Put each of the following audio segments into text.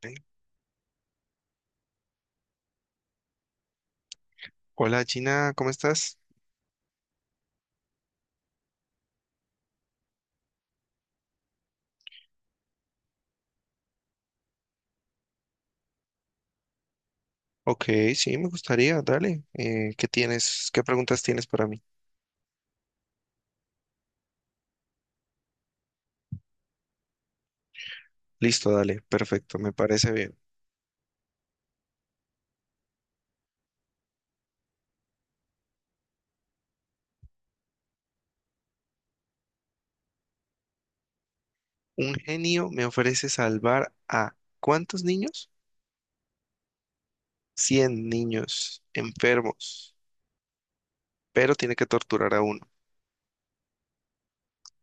Dale. Hola Gina, ¿cómo estás? Ok, sí, me gustaría, dale. ¿Qué tienes? ¿Qué preguntas tienes para mí? Listo, dale, perfecto, me parece bien. Un genio me ofrece salvar a ¿cuántos niños? 100 niños enfermos, pero tiene que torturar a uno.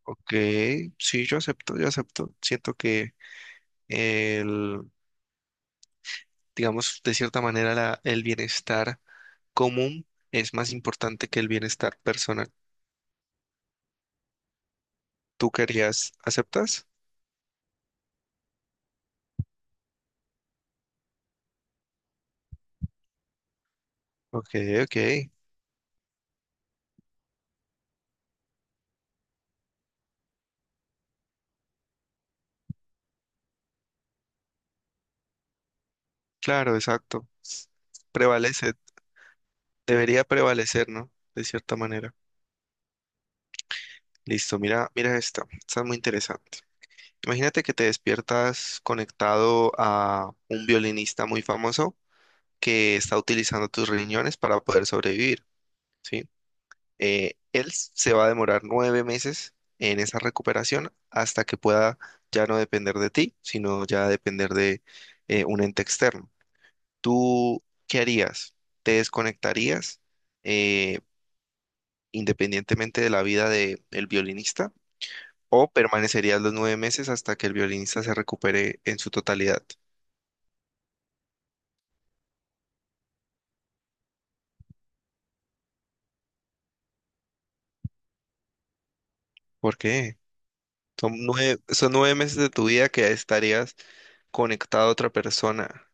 Ok, sí, yo acepto, yo acepto. Siento que el, digamos, de cierta manera el bienestar común es más importante que el bienestar personal. ¿Tú querías, aceptas? Ok, ok, claro, exacto. Prevalece, debería prevalecer, ¿no? De cierta manera. Listo, mira, mira esta es muy interesante. Imagínate que te despiertas conectado a un violinista muy famoso que está utilizando tus riñones para poder sobrevivir, ¿sí? Él se va a demorar 9 meses en esa recuperación hasta que pueda ya no depender de ti, sino ya depender de un ente externo. ¿Tú qué harías? ¿Te desconectarías eh, independientemente de la vida del violinista o permanecerías los 9 meses hasta que el violinista se recupere en su totalidad? ¿Por qué? Son nueve meses de tu vida que estarías conectado a otra persona.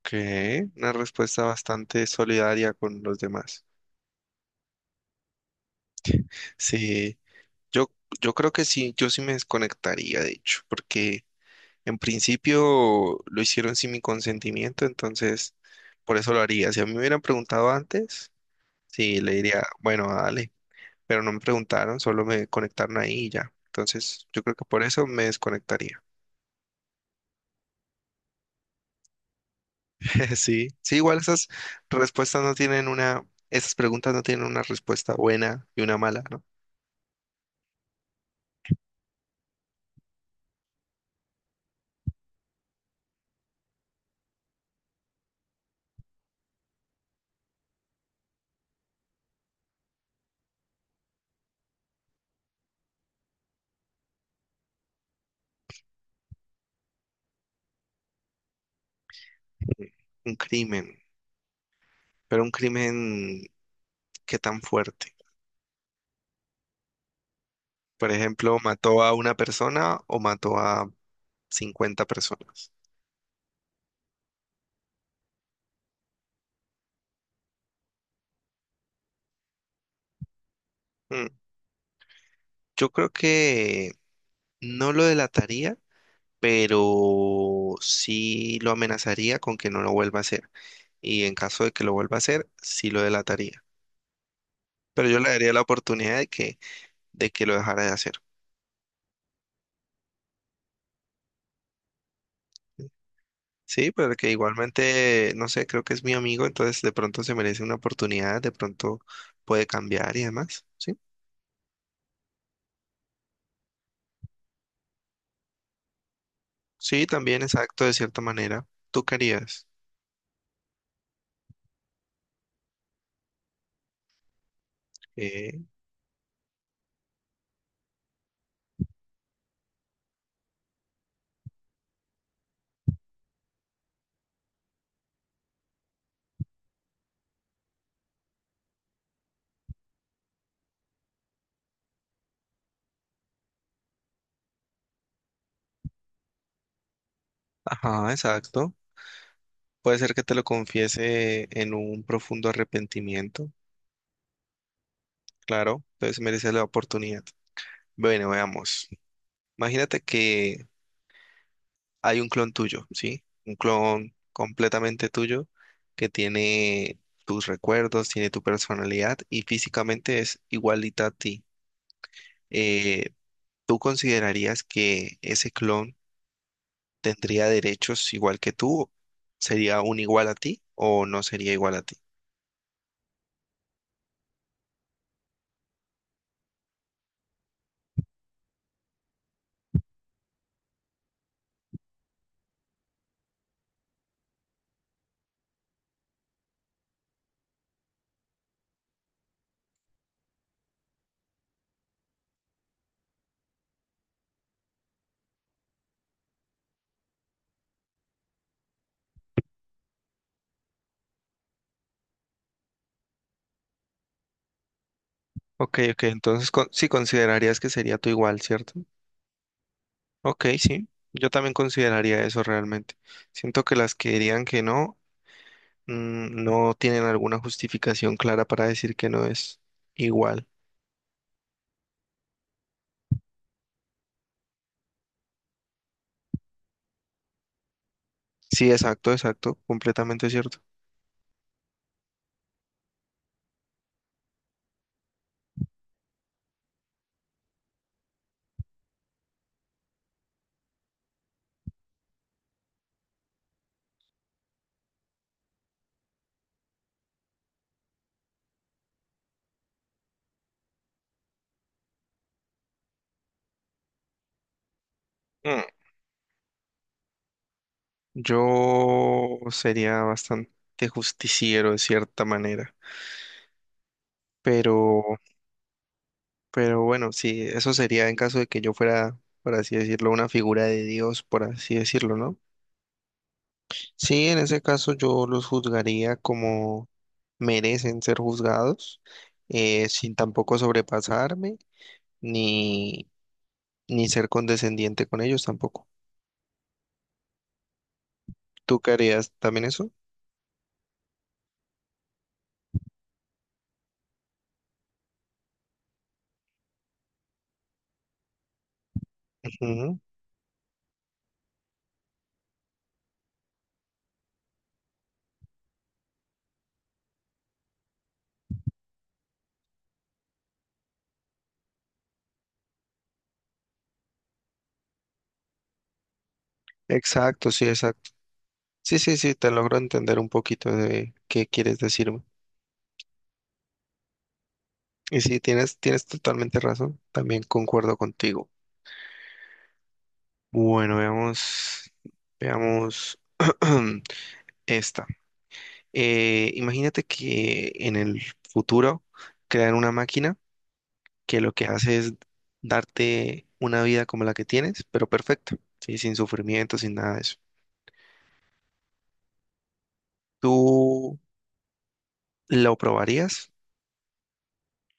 Ok, una respuesta bastante solidaria con los demás. Sí, yo, yo creo que sí, yo sí me desconectaría, de hecho, porque en principio lo hicieron sin mi consentimiento, entonces por eso lo haría. Si a mí me hubieran preguntado antes, sí, le diría, bueno, dale, pero no me preguntaron, solo me conectaron ahí y ya. Entonces yo creo que por eso me desconectaría. Sí, sí, igual esas respuestas no tienen una, esas preguntas no tienen una respuesta buena y una mala, ¿no? Sí. Un crimen, pero un crimen qué tan fuerte. Por ejemplo, mató a una persona o mató a 50 personas. Mm. Yo creo que no lo delataría, pero sí lo amenazaría con que no lo vuelva a hacer. Y en caso de que lo vuelva a hacer, sí lo delataría. Pero yo le daría la oportunidad de que, lo dejara de hacer. Sí, pero que igualmente, no sé, creo que es mi amigo, entonces de pronto se merece una oportunidad, de pronto puede cambiar y demás. Sí, sí, también exacto, de cierta manera. ¿Tú querías? Eh, ajá, exacto. Puede ser que te lo confiese en un profundo arrepentimiento, claro, entonces mereces la oportunidad. Bueno, veamos. Imagínate que hay un clon tuyo, ¿sí? Un clon completamente tuyo que tiene tus recuerdos, tiene tu personalidad y físicamente es igualita a ti. Eh, ¿Tú considerarías que ese clon tendría derechos igual que tú? ¿Sería un igual a ti o no sería igual a ti? Ok, ok, entonces sí considerarías que sería tú igual, ¿cierto? Ok, sí, yo también consideraría eso realmente. Siento que las que dirían que no, no tienen alguna justificación clara para decir que no es igual. Sí, exacto, exacto, completamente cierto. Mm, Yo sería bastante justiciero de cierta manera, pero, pero, bueno, sí, eso sería en caso de que yo fuera, por así decirlo, una figura de Dios, por así decirlo, ¿no? Sí, en ese caso yo los juzgaría como merecen ser juzgados, sin tampoco sobrepasarme ni, ni ser condescendiente con ellos tampoco. ¿Tú qué harías también eso? Ujú. Exacto, sí, exacto. Sí, sí, sí, te logro entender un poquito de qué quieres decirme. Y sí, tienes totalmente razón, también concuerdo contigo. Bueno, veamos, veamos esta. Imagínate que en el futuro crean una máquina que lo que hace es darte una vida como la que tienes, pero perfecta, ¿sí? Sin sufrimiento, sin nada de eso. ¿Tú lo probarías?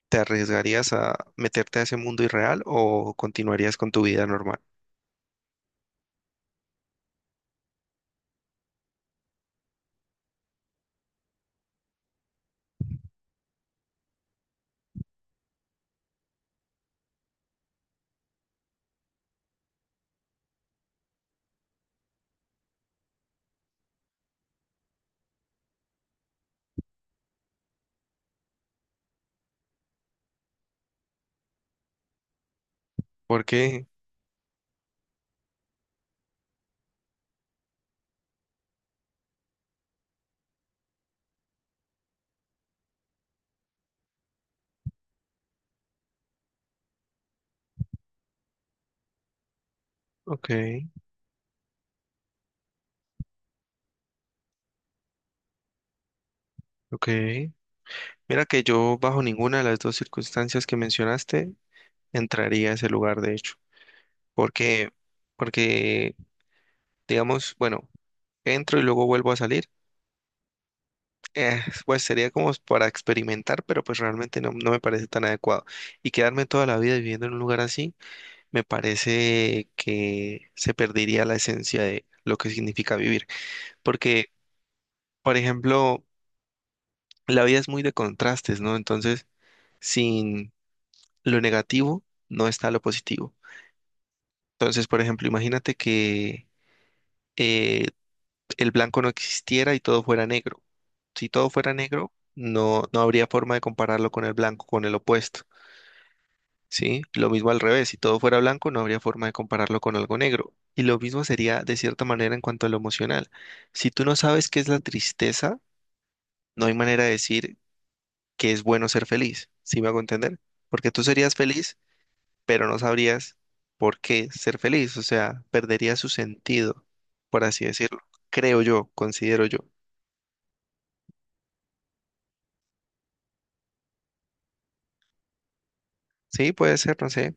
¿Te arriesgarías a meterte a ese mundo irreal o continuarías con tu vida normal? Porque, ok, ok. Mira que yo bajo ninguna de las dos circunstancias que mencionaste entraría a ese lugar, de hecho. Porque, porque digamos, bueno. Entro y luego vuelvo a salir. Eh, pues sería como para experimentar, pero pues realmente no, no me parece tan adecuado. Y quedarme toda la vida viviendo en un lugar así, me parece que se perdería la esencia de lo que significa vivir. Porque, por ejemplo, la vida es muy de contrastes, ¿no? Entonces, sin lo negativo, no está lo positivo. Entonces, por ejemplo, imagínate que eh, el blanco no existiera y todo fuera negro. Si todo fuera negro, no, no habría forma de compararlo con el blanco, con el opuesto, ¿sí? Lo mismo al revés, si todo fuera blanco, no habría forma de compararlo con algo negro. Y lo mismo sería de cierta manera en cuanto a lo emocional. Si tú no sabes qué es la tristeza, no hay manera de decir que es bueno ser feliz, ¿sí me hago entender? Porque tú serías feliz, pero no sabrías por qué ser feliz, o sea, perdería su sentido, por así decirlo. Creo yo, considero yo. Sí, puede ser, no sé.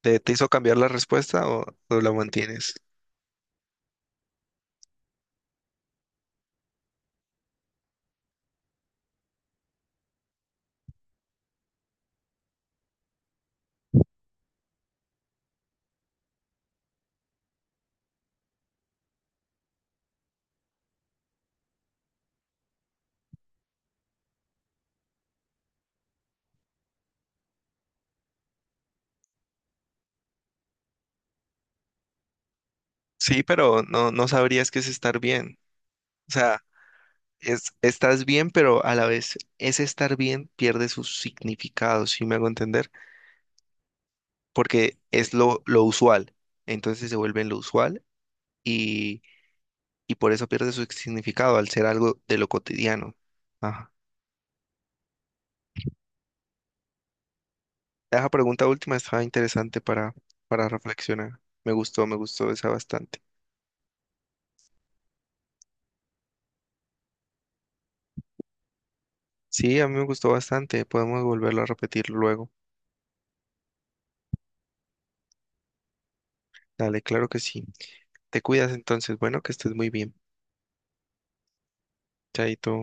¿Te hizo cambiar la respuesta o la mantienes? Sí, pero no, no sabrías qué es estar bien. O sea, estás bien, pero a la vez ese estar bien pierde su significado, ¿si me hago entender? Porque es lo usual. Entonces se vuelve lo usual y, y por eso pierde su significado al ser algo de lo cotidiano. Ajá. Esa pregunta última estaba interesante para, reflexionar. Me gustó esa bastante. Sí, a mí me gustó bastante. Podemos volverlo a repetir luego. Dale, claro que sí. Te cuidas entonces. Bueno, que estés muy bien. Chaito.